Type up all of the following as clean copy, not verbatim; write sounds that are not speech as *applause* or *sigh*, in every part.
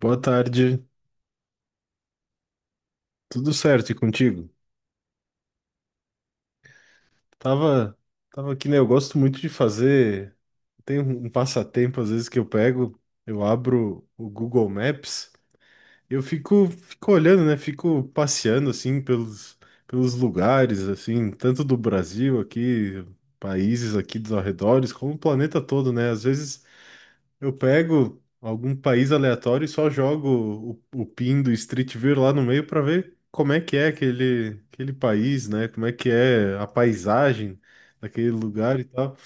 Boa tarde, tudo certo e contigo? Tava, tava aqui, né? Eu gosto muito de fazer. Tem um passatempo às vezes que eu pego, eu abro o Google Maps, e eu fico olhando, né? Fico passeando assim pelos lugares, assim, tanto do Brasil aqui, países aqui dos arredores, como o planeta todo, né? Às vezes eu pego algum país aleatório e só jogo o pin do Street View lá no meio para ver como é que é aquele país, né? Como é que é a paisagem daquele lugar e tal.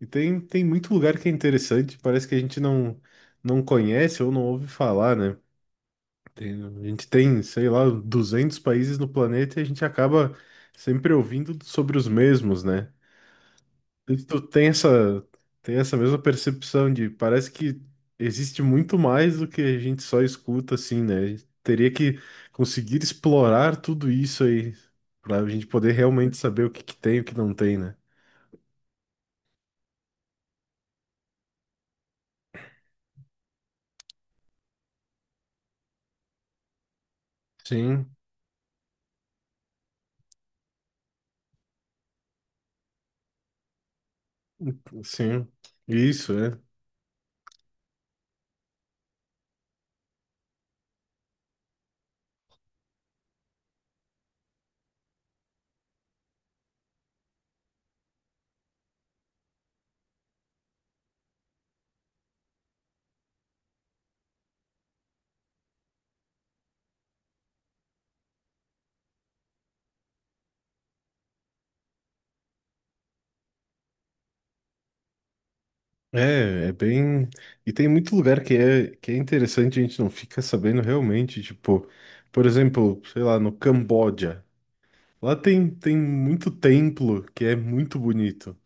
E tem muito lugar que é interessante, parece que a gente não conhece ou não ouve falar, né? A gente tem, sei lá, 200 países no planeta e a gente acaba sempre ouvindo sobre os mesmos, né? E tu tem tem essa mesma percepção de parece que existe muito mais do que a gente só escuta, assim, né? A gente teria que conseguir explorar tudo isso aí para a gente poder realmente saber o que que tem e o que não tem, né? Sim, sim. Isso, é. É, é bem. E tem muito lugar que é interessante, a gente não fica sabendo realmente. Tipo, por exemplo, sei lá, no Camboja. Lá tem muito templo que é muito bonito.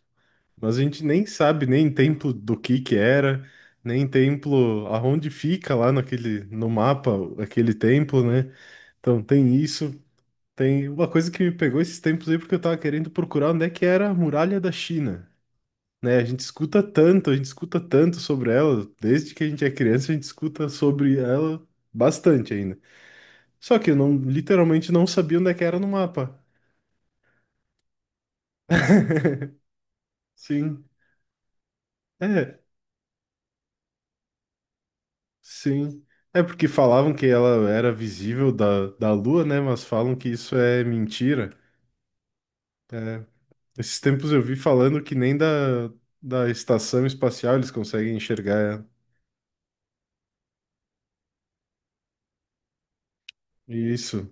Mas a gente nem sabe nem templo do que era, nem templo aonde fica lá naquele no mapa aquele templo, né? Então tem isso, tem uma coisa que me pegou esses tempos aí porque eu tava querendo procurar onde é que era a muralha da China, né? A gente escuta tanto, a gente escuta tanto sobre ela, desde que a gente é criança a gente escuta sobre ela bastante ainda. Só que eu não literalmente não sabia onde é que era no mapa. Sim. É, sim. É porque falavam que ela era visível da Lua, né? Mas falam que isso é mentira. É, esses tempos eu vi falando que nem da estação espacial eles conseguem enxergar ela. Isso.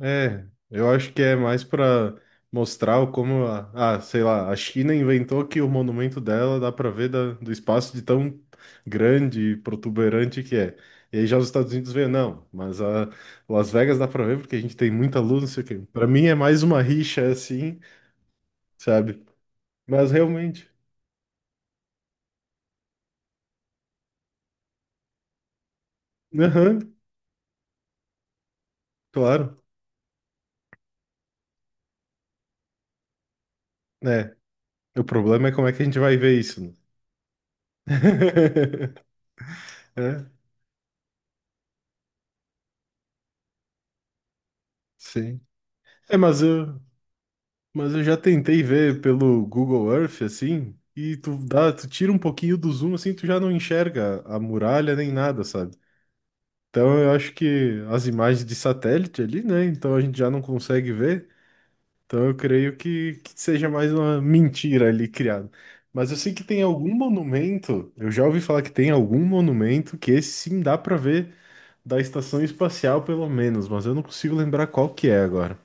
É, eu acho que é mais para mostrar o como, sei lá, a China inventou que o monumento dela dá para ver do espaço de tão grande e protuberante que é. E aí já os Estados Unidos vê, não, mas a Las Vegas dá para ver porque a gente tem muita luz, não sei o quê. Para mim é mais uma rixa assim, sabe? Mas realmente, aham, claro, né? O problema é como é que a gente vai ver isso, né? *laughs* É, sim. É, mas eu, Mas eu já tentei ver pelo Google Earth, assim, e tu tira um pouquinho do zoom, assim, tu já não enxerga a muralha nem nada, sabe? Então eu acho que as imagens de satélite ali, né? Então a gente já não consegue ver. Então eu creio que seja mais uma mentira ali criada. Mas eu sei que tem algum monumento, eu já ouvi falar que tem algum monumento que esse sim dá pra ver da estação espacial, pelo menos, mas eu não consigo lembrar qual que é agora.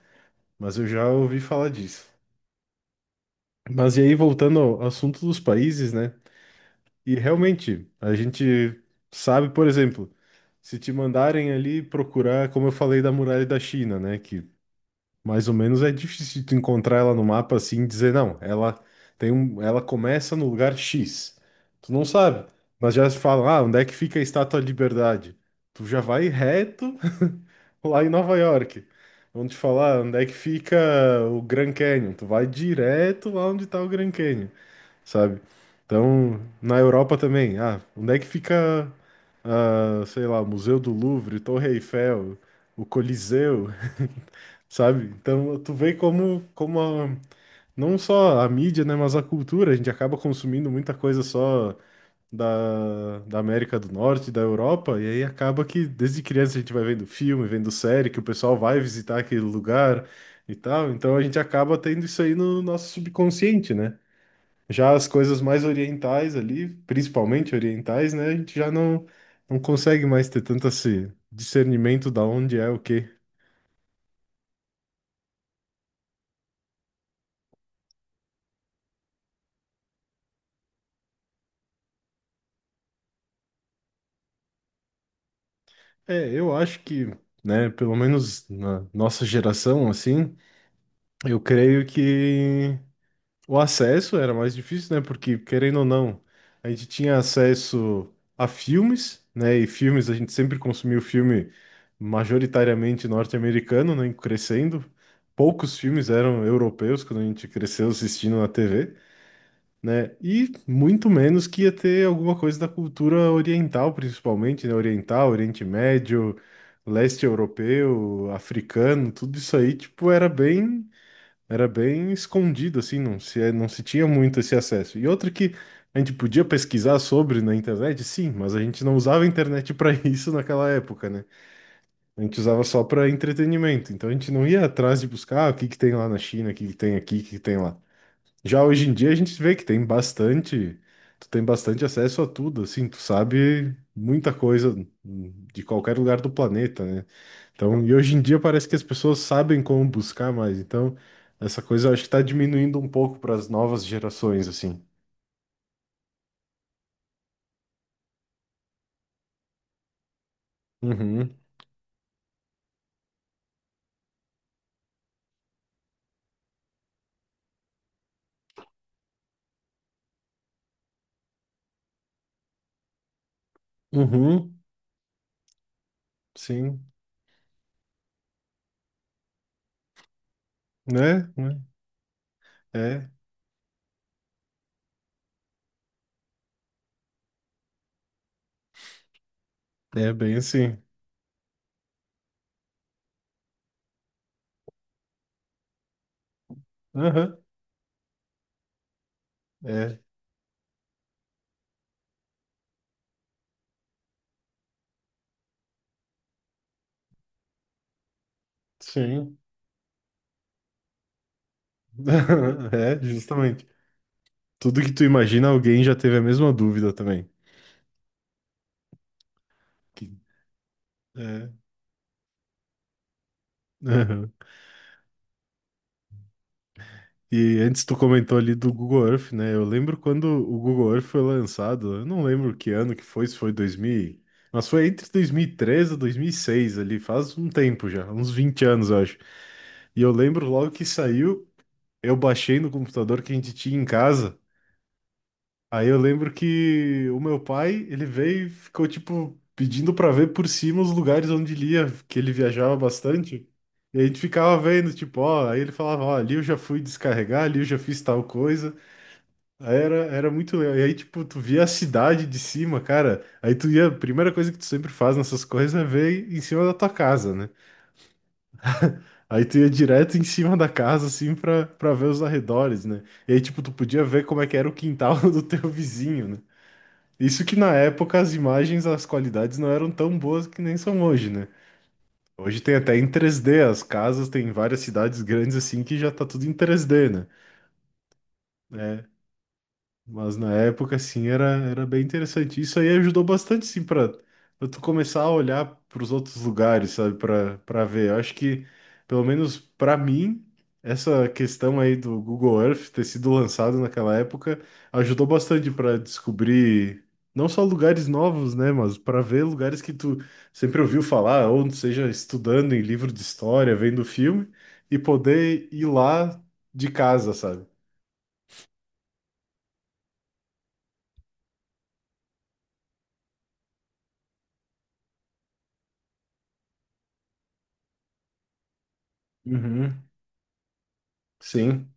Mas eu já ouvi falar disso. Mas e aí, voltando ao assunto dos países, né? E realmente, a gente sabe, por exemplo, se te mandarem ali procurar, como eu falei da muralha da China, né? Que mais ou menos é difícil tu encontrar ela no mapa assim e dizer, não, ela tem um, ela começa no lugar X. Tu não sabe, mas já se fala, ah, onde é que fica a Estátua da Liberdade? Tu já vai reto *laughs* lá em Nova York. Vão te falar: "Ah, onde é que fica o Grand Canyon." Tu vai direto lá onde tá o Grand Canyon, sabe? Então, na Europa também, ah, onde é que fica, ah, sei lá, Museu do Louvre, Torre Eiffel, o Coliseu, *laughs* sabe? Então, tu vê como, não só a mídia, né, mas a cultura, a gente acaba consumindo muita coisa só da América do Norte, da Europa, e aí acaba que desde criança a gente vai vendo filme, vendo série, que o pessoal vai visitar aquele lugar e tal, então a gente acaba tendo isso aí no nosso subconsciente, né? Já as coisas mais orientais ali, principalmente orientais, né? A gente já não consegue mais ter tanto esse discernimento da onde é o quê. É, eu acho né, pelo menos na nossa geração, assim, eu creio que. O acesso era mais difícil, né? Porque, querendo ou não, a gente tinha acesso a filmes, né? E filmes, a gente sempre consumiu filme majoritariamente norte-americano, né? Crescendo. Poucos filmes eram europeus quando a gente cresceu assistindo na TV, né? E muito menos que ia ter alguma coisa da cultura oriental, principalmente, né? Oriental, Oriente Médio, leste europeu, africano, tudo isso aí, tipo, Era bem escondido, assim, não se tinha muito esse acesso. E outra que a gente podia pesquisar sobre na internet, sim, mas a gente não usava a internet para *laughs* isso naquela época, né? A gente usava só para entretenimento. Então a gente não ia atrás de buscar ah, o que que tem lá na China, o que que tem aqui, o que que tem lá. Já hoje em dia a gente vê que tem bastante, tu tem bastante acesso a tudo, assim, tu sabe muita coisa de qualquer lugar do planeta, né? Então, e hoje em dia parece que as pessoas sabem como buscar mais. Então, essa coisa eu acho que está diminuindo um pouco para as novas gerações, assim. Uhum, uhum, sim, né? Né, é, é bem assim. Aham, é, sim. *laughs* É, justamente. Tudo que tu imagina, alguém já teve a mesma dúvida também. Que- É. E antes tu comentou ali do Google Earth, né? Eu lembro quando o Google Earth foi lançado, eu não lembro que ano que foi, se foi 2000, mas foi entre 2013 e 2006 ali, faz um tempo já, uns 20 anos, eu acho. E eu lembro logo que saiu, eu baixei no computador que a gente tinha em casa. Aí eu lembro que o meu pai, ele veio e ficou, tipo, pedindo pra ver por cima os lugares onde ele ia, que ele viajava bastante. E a gente ficava vendo, tipo, ó, aí ele falava, ó, ali eu já fui descarregar, ali eu já fiz tal coisa. Aí era muito legal. E aí, tipo, tu via a cidade de cima, cara. Aí tu ia, a primeira coisa que tu sempre faz nessas coisas é ver em cima da tua casa, né? Aí tu ia direto em cima da casa, assim, pra ver os arredores, né? E aí, tipo, tu podia ver como é que era o quintal *laughs* do teu vizinho, né? Isso que na época as imagens, as qualidades não eram tão boas que nem são hoje, né? Hoje tem até em 3D, as casas tem várias cidades grandes assim que já tá tudo em 3D, né? É, mas na época, assim, era bem interessante. Isso aí ajudou bastante, sim, para tu começar a olhar para os outros lugares, sabe, para ver. Eu acho que, pelo menos para mim, essa questão aí do Google Earth ter sido lançado naquela época ajudou bastante para descobrir não só lugares novos, né, mas para ver lugares que tu sempre ouviu falar, ou seja, estudando em livro de história, vendo filme, e poder ir lá de casa, sabe? Uhum. Sim.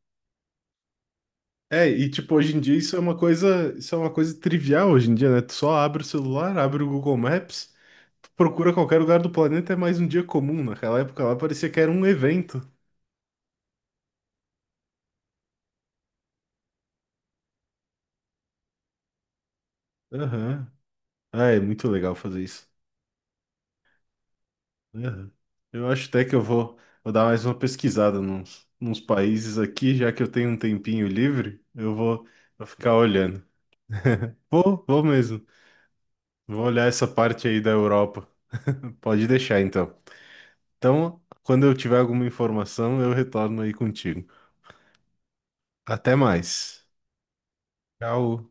É, e tipo, hoje em dia isso é uma coisa, isso é uma coisa trivial hoje em dia, né? Tu só abre o celular, abre o Google Maps, tu procura qualquer lugar do planeta, é mais um dia comum. Naquela época lá parecia que era um evento. Aham. Ah, é muito legal fazer isso. Aham. Eu acho até que vou dar mais uma pesquisada nos países aqui, já que eu tenho um tempinho livre, vou ficar olhando. Vou mesmo. Vou olhar essa parte aí da Europa. Pode deixar então. Então, quando eu tiver alguma informação, eu retorno aí contigo. Até mais. Tchau.